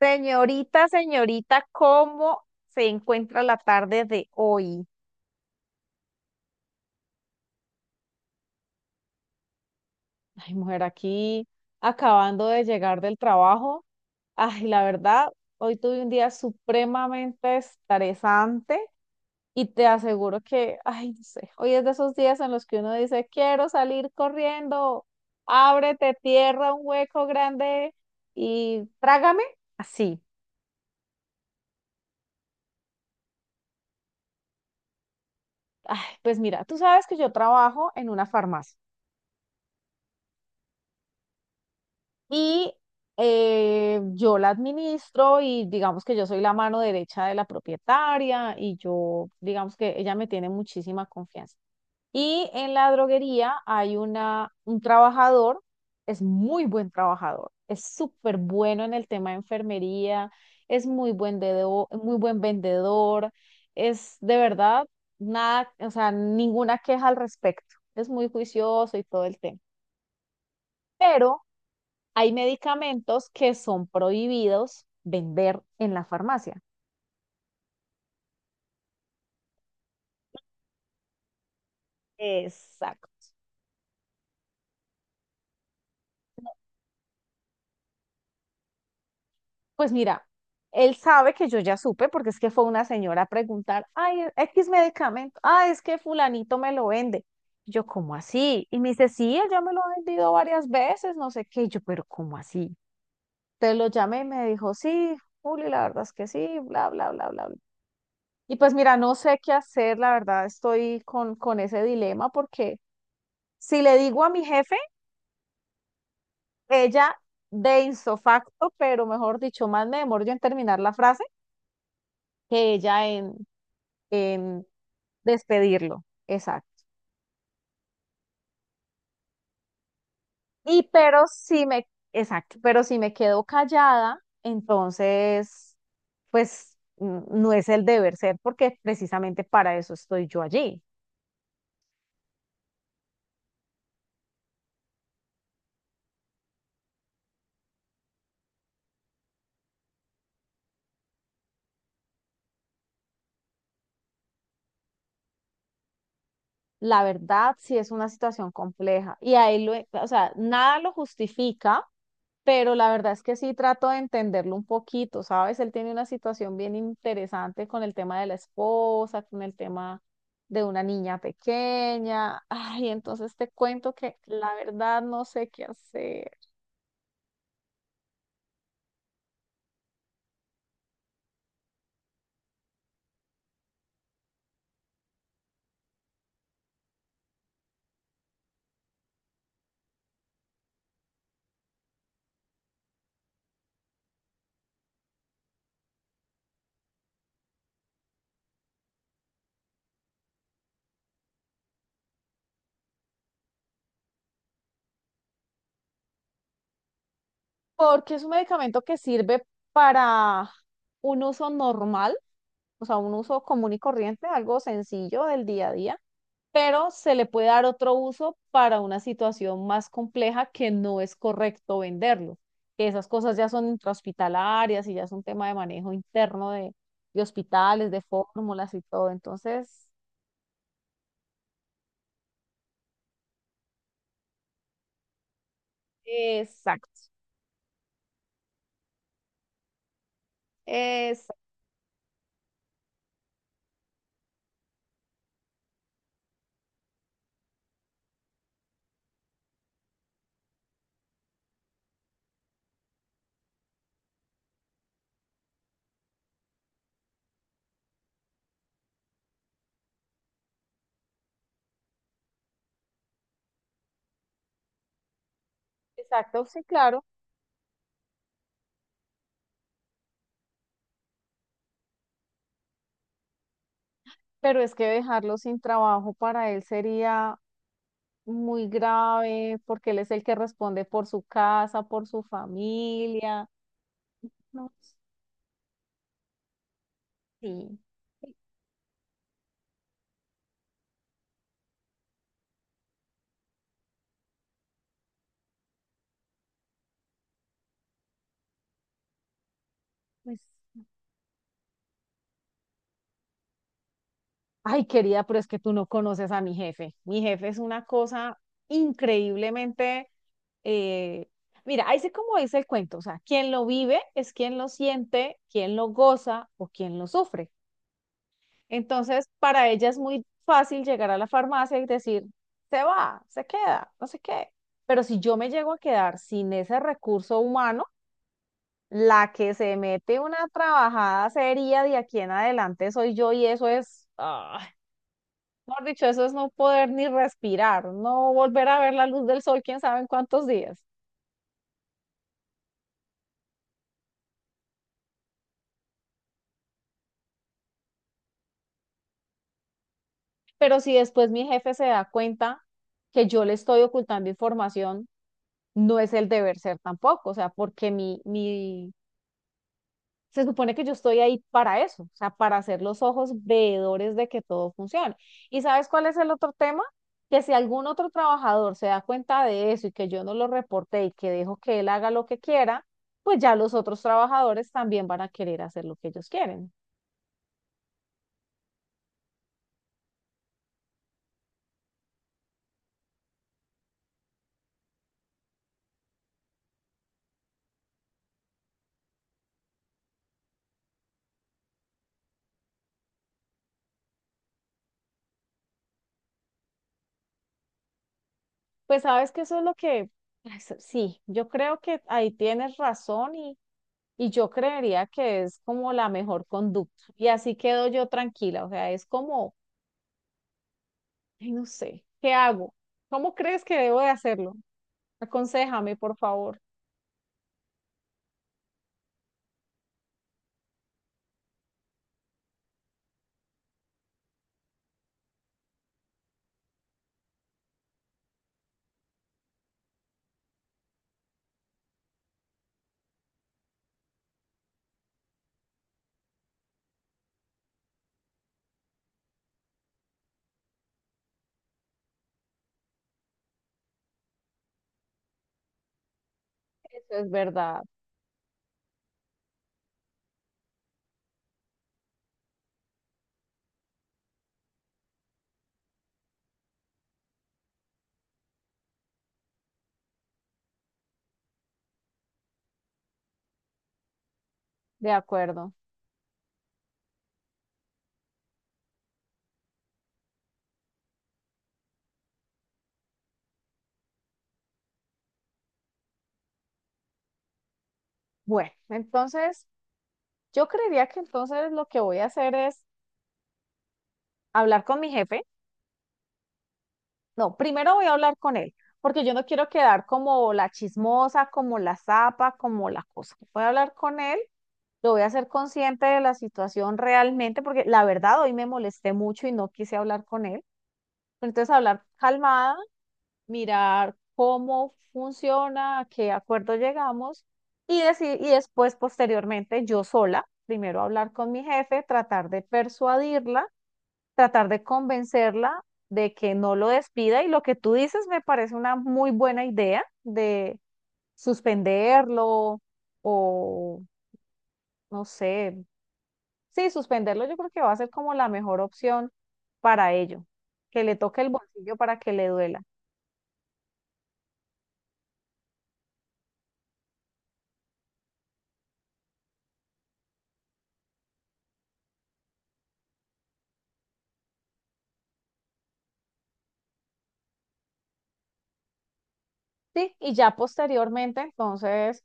Señorita, señorita, ¿cómo se encuentra la tarde de hoy? Ay, mujer, aquí acabando de llegar del trabajo. Ay, la verdad, hoy tuve un día supremamente estresante y te aseguro que, ay, no sé, hoy es de esos días en los que uno dice, quiero salir corriendo, ábrete tierra, un hueco grande y trágame. Así. Ay, pues mira, tú sabes que yo trabajo en una farmacia. Y yo la administro y digamos que yo soy la mano derecha de la propietaria y yo, digamos que ella me tiene muchísima confianza. Y en la droguería hay un trabajador, es muy buen trabajador, es súper bueno en el tema de enfermería, es muy buen vendedor, es de verdad nada, o sea, ninguna queja al respecto. Es muy juicioso y todo el tema. Pero hay medicamentos que son prohibidos vender en la farmacia. Exacto. Pues mira, él sabe que yo ya supe, porque es que fue una señora a preguntar, ay, X medicamento, ah, es que fulanito me lo vende. Yo, ¿cómo así? Y me dice, sí, él ya me lo ha vendido varias veces, no sé qué. Y yo, pero ¿cómo así? Entonces lo llamé y me dijo, sí, Juli, la verdad es que sí, bla, bla, bla, bla, bla. Y pues mira, no sé qué hacer, la verdad estoy con ese dilema porque si le digo a mi jefe, ella de insofacto, pero mejor dicho, más me demoro yo en terminar la frase que ella en despedirlo. Exacto. Y pero si me, exacto, pero si me quedo callada, entonces, pues no es el deber ser, porque precisamente para eso estoy yo allí. La verdad, sí es una situación compleja o sea, nada lo justifica, pero la verdad es que sí trato de entenderlo un poquito, ¿sabes? Él tiene una situación bien interesante con el tema de la esposa, con el tema de una niña pequeña. Ay, entonces te cuento que la verdad no sé qué hacer, porque es un medicamento que sirve para un uso normal, o sea, un uso común y corriente, algo sencillo del día a día, pero se le puede dar otro uso para una situación más compleja que no es correcto venderlo. Que esas cosas ya son intrahospitalarias y ya es un tema de manejo interno de hospitales, de fórmulas y todo. Entonces, exacto, exacto, exacto, sí, claro, pero es que dejarlo sin trabajo para él sería muy grave porque él es el que responde por su casa, por su familia. No, sí, sí, pues. Ay, querida, pero es que tú no conoces a mi jefe. Mi jefe es una cosa increíblemente... eh, mira, ahí sí como dice el cuento, o sea, quien lo vive es quien lo siente, quien lo goza o quien lo sufre. Entonces, para ella es muy fácil llegar a la farmacia y decir, se va, se queda, no sé qué. Pero si yo me llego a quedar sin ese recurso humano, la que se mete una trabajada seria de aquí en adelante soy yo y eso es... ah, mejor dicho, eso es no poder ni respirar, no volver a ver la luz del sol, quién sabe en cuántos días. Pero si después mi jefe se da cuenta que yo le estoy ocultando información, no es el deber ser tampoco, o sea, porque mi se supone que yo estoy ahí para eso, o sea, para hacer los ojos veedores de que todo funcione. ¿Y sabes cuál es el otro tema? Que si algún otro trabajador se da cuenta de eso y que yo no lo reporté y que dejo que él haga lo que quiera, pues ya los otros trabajadores también van a querer hacer lo que ellos quieren. Pues sabes que eso es lo que, ay, sí, yo creo que ahí tienes razón y yo creería que es como la mejor conducta. Y así quedo yo tranquila, o sea, es como ay, no sé, ¿qué hago? ¿Cómo crees que debo de hacerlo? Aconséjame, por favor. Eso es verdad, de acuerdo. Bueno, entonces yo creería que entonces lo que voy a hacer es hablar con mi jefe. No, primero voy a hablar con él, porque yo no quiero quedar como la chismosa, como la zapa, como la cosa. Voy a hablar con él, lo voy a hacer consciente de la situación realmente, porque la verdad hoy me molesté mucho y no quise hablar con él. Entonces hablar calmada, mirar cómo funciona, a qué acuerdo llegamos y después, posteriormente, yo sola, primero hablar con mi jefe, tratar de persuadirla, tratar de convencerla de que no lo despida, y lo que tú dices me parece una muy buena idea de suspenderlo o no sé, sí, suspenderlo yo creo que va a ser como la mejor opción para ello, que le toque el bolsillo para que le duela. Sí, y ya posteriormente, entonces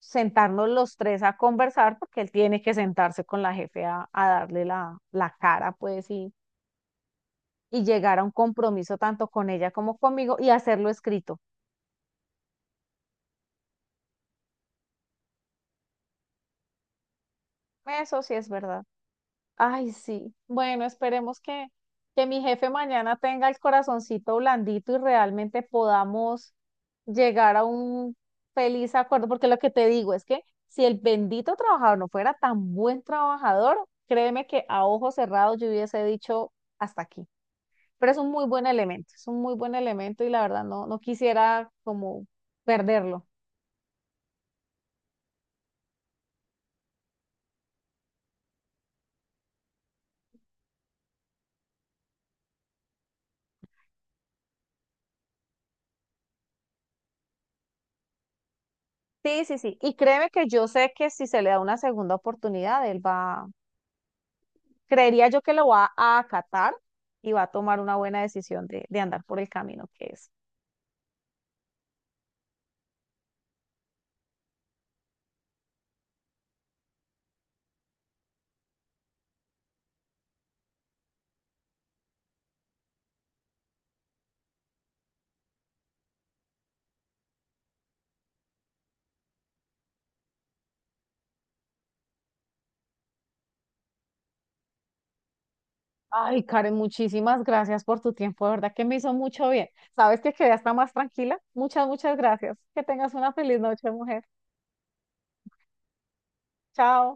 sentarnos los tres a conversar, porque él tiene que sentarse con la jefe a darle la cara, pues, y llegar a un compromiso tanto con ella como conmigo y hacerlo escrito. Eso sí es verdad. Ay, sí. Bueno, esperemos que mi jefe mañana tenga el corazoncito blandito y realmente podamos llegar a un feliz acuerdo, porque lo que te digo es que si el bendito trabajador no fuera tan buen trabajador, créeme que a ojos cerrados yo hubiese dicho hasta aquí. Pero es un muy buen elemento, es un muy buen elemento y la verdad no, no quisiera como perderlo. Sí, sí, sí. Y créeme que yo sé que si se le da una segunda oportunidad, él va, creería yo que lo va a acatar y va a tomar una buena decisión de andar por el camino que es. Ay, Karen, muchísimas gracias por tu tiempo, de verdad que me hizo mucho bien. Sabes que quedé hasta más tranquila. Muchas, muchas gracias. Que tengas una feliz noche, mujer. Chao.